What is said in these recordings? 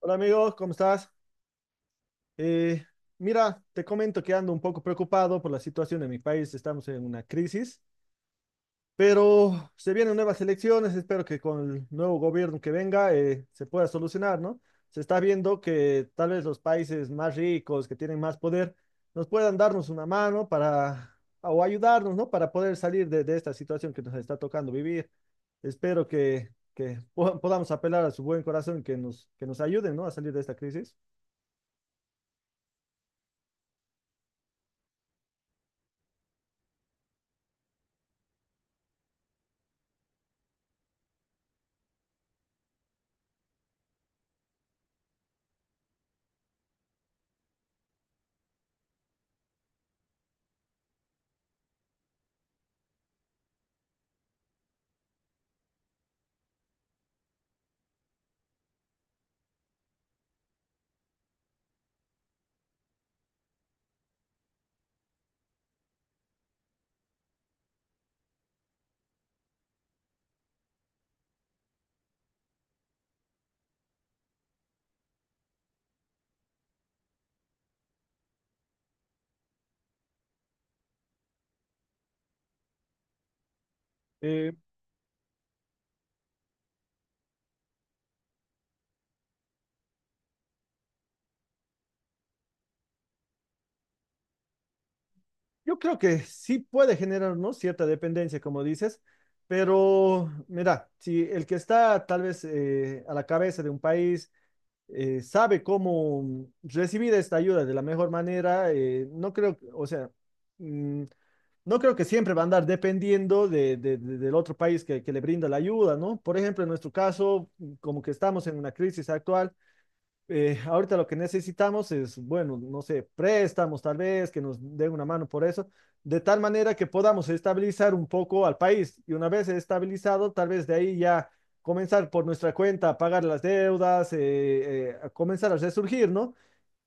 Hola amigos, ¿cómo estás? Eh, mira, te comento que ando un poco preocupado por la situación de mi país. Estamos en una crisis, pero se vienen nuevas elecciones. Espero que con el nuevo gobierno que venga se pueda solucionar, ¿no? Se está viendo que tal vez los países más ricos, que tienen más poder, nos puedan darnos una mano para, o ayudarnos, ¿no? Para poder salir de esta situación que nos está tocando vivir. Espero que podamos apelar a su buen corazón y que nos ayuden, ¿no? A salir de esta crisis. Eh, Yo creo que sí puede generar, ¿no? Cierta dependencia, como dices, pero mira, si el que está tal vez a la cabeza de un país sabe cómo recibir esta ayuda de la mejor manera, no creo, o sea, mm, no creo que siempre va a andar dependiendo del otro país que le brinda la ayuda, ¿no? Por ejemplo, en nuestro caso, como que estamos en una crisis actual. Ahorita lo que necesitamos es, bueno, no sé, préstamos tal vez, que nos den una mano por eso, de tal manera que podamos estabilizar un poco al país. Y una vez estabilizado, tal vez de ahí ya comenzar por nuestra cuenta a pagar las deudas, a comenzar a resurgir, ¿no?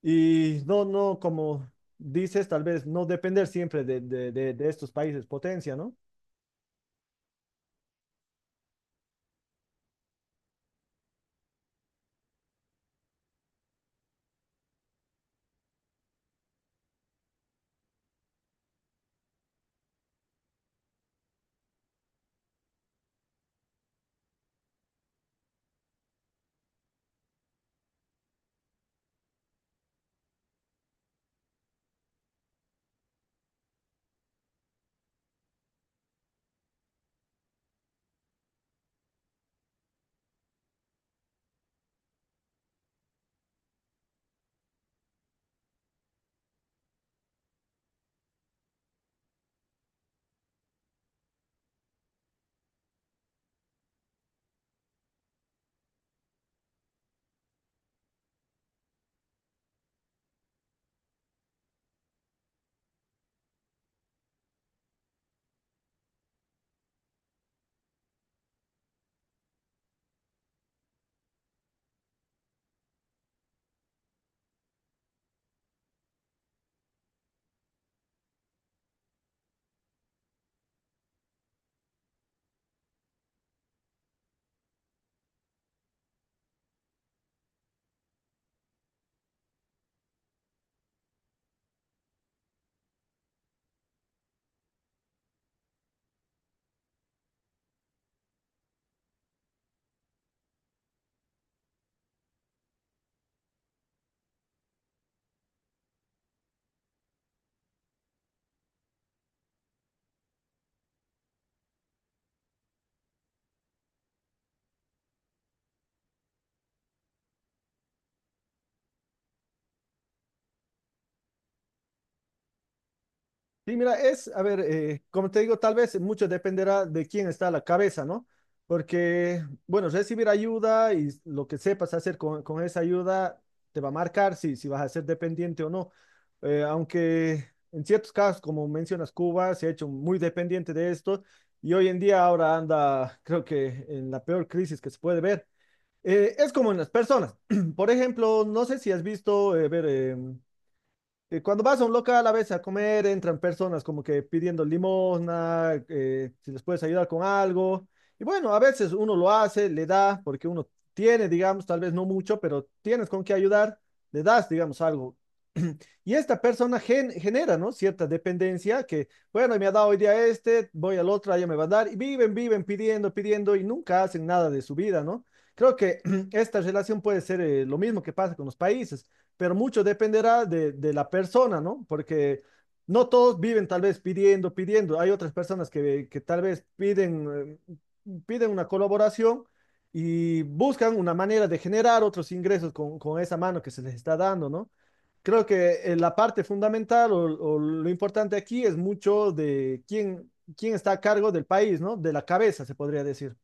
Y no, no, como dices, tal vez no depender siempre de estos países potencia, ¿no? Sí, mira, es, a ver, como te digo, tal vez mucho dependerá de quién está a la cabeza, ¿no? Porque, bueno, recibir ayuda y lo que sepas hacer con esa ayuda te va a marcar si, si vas a ser dependiente o no. Aunque en ciertos casos, como mencionas, Cuba se ha hecho muy dependiente de esto y hoy en día ahora anda, creo que en la peor crisis que se puede ver. Es como en las personas. Por ejemplo, no sé si has visto, cuando vas a un local a veces a comer, entran personas como que pidiendo limosna, si les puedes ayudar con algo. Y bueno, a veces uno lo hace, le da, porque uno tiene, digamos, tal vez no mucho, pero tienes con qué ayudar, le das, digamos, algo. Y esta persona genera, ¿no? Cierta dependencia que, bueno, me ha dado hoy día este, voy al otro, allá me va a dar, y viven, viven pidiendo, pidiendo, y nunca hacen nada de su vida, ¿no? Creo que esta relación puede ser lo mismo que pasa con los países, pero mucho dependerá de la persona, ¿no? Porque no todos viven tal vez pidiendo, pidiendo. Hay otras personas que tal vez piden, piden una colaboración y buscan una manera de generar otros ingresos con esa mano que se les está dando, ¿no? Creo que la parte fundamental o lo importante aquí es mucho de quién, quién está a cargo del país, ¿no? De la cabeza, se podría decir.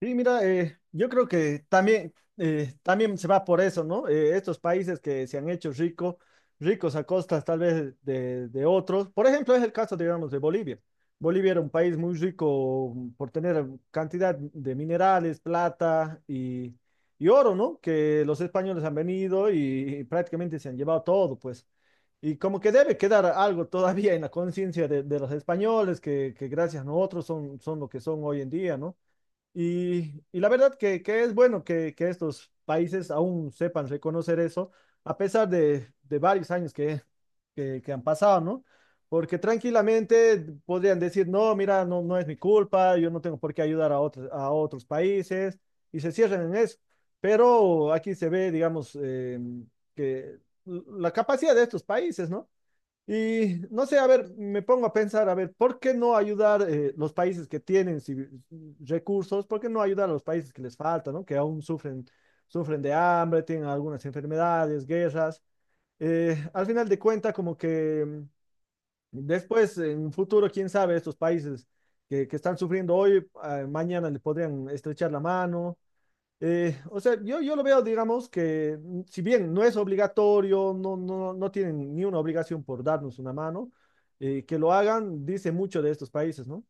Sí, mira, yo creo que también, también se va por eso, ¿no? Estos países que se han hecho ricos a costas tal vez de otros. Por ejemplo, es el caso, digamos, de Bolivia. Bolivia era un país muy rico por tener cantidad de minerales, plata y oro, ¿no? Que los españoles han venido y prácticamente se han llevado todo, pues. Y como que debe quedar algo todavía en la conciencia de los españoles, que gracias a nosotros son, son lo que son hoy en día, ¿no? Y la verdad que es bueno que estos países aún sepan reconocer eso, a pesar de varios años que han pasado, ¿no? Porque tranquilamente podrían decir, no, mira, no, no es mi culpa, yo no tengo por qué ayudar a otros países, y se cierran en eso. Pero aquí se ve, digamos, que la capacidad de estos países, ¿no? Y no sé, a ver, me pongo a pensar, a ver, ¿por qué no ayudar los países que tienen recursos? ¿Por qué no ayudar a los países que les faltan, ¿no? Que aún sufren, sufren de hambre, tienen algunas enfermedades, guerras. Al final de cuentas, como que después, en un futuro, quién sabe, estos países que están sufriendo hoy, ah, mañana le podrían estrechar la mano o sea, yo lo veo, digamos, que mm, si bien no es obligatorio, no, no, no tienen ni una obligación por darnos una mano, que lo hagan, dice mucho de estos países, ¿no?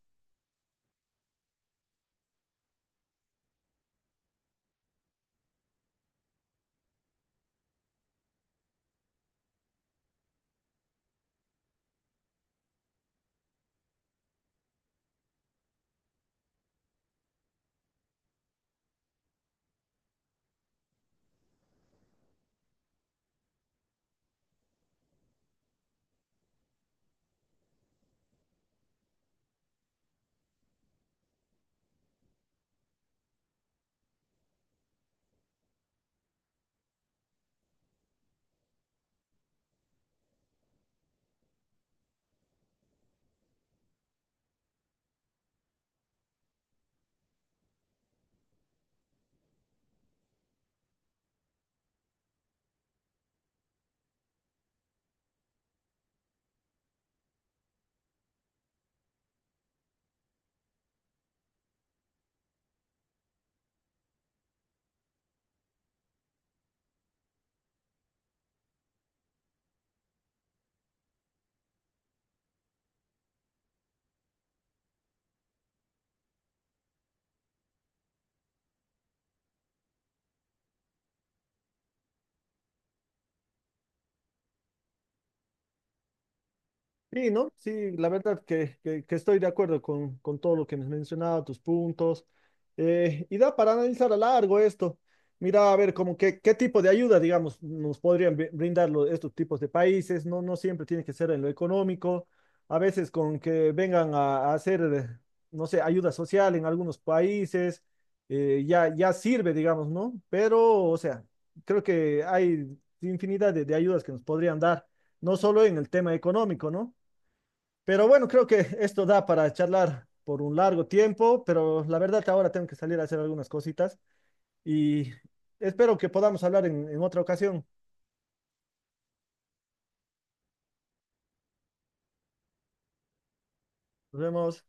Sí, ¿no? Sí, la verdad que estoy de acuerdo con todo lo que me has mencionado, tus puntos. Y da para analizar a largo esto. Mira, a ver, como que, qué tipo de ayuda, digamos, nos podrían brindar estos tipos de países. No, no siempre tiene que ser en lo económico. A veces con que vengan a hacer, no sé, ayuda social en algunos países, ya sirve, digamos, ¿no? Pero, o sea, creo que hay infinidad de ayudas que nos podrían dar, no solo en el tema económico, ¿no? Pero bueno, creo que esto da para charlar por un largo tiempo, pero la verdad ahora tengo que salir a hacer algunas cositas y espero que podamos hablar en otra ocasión. Nos vemos.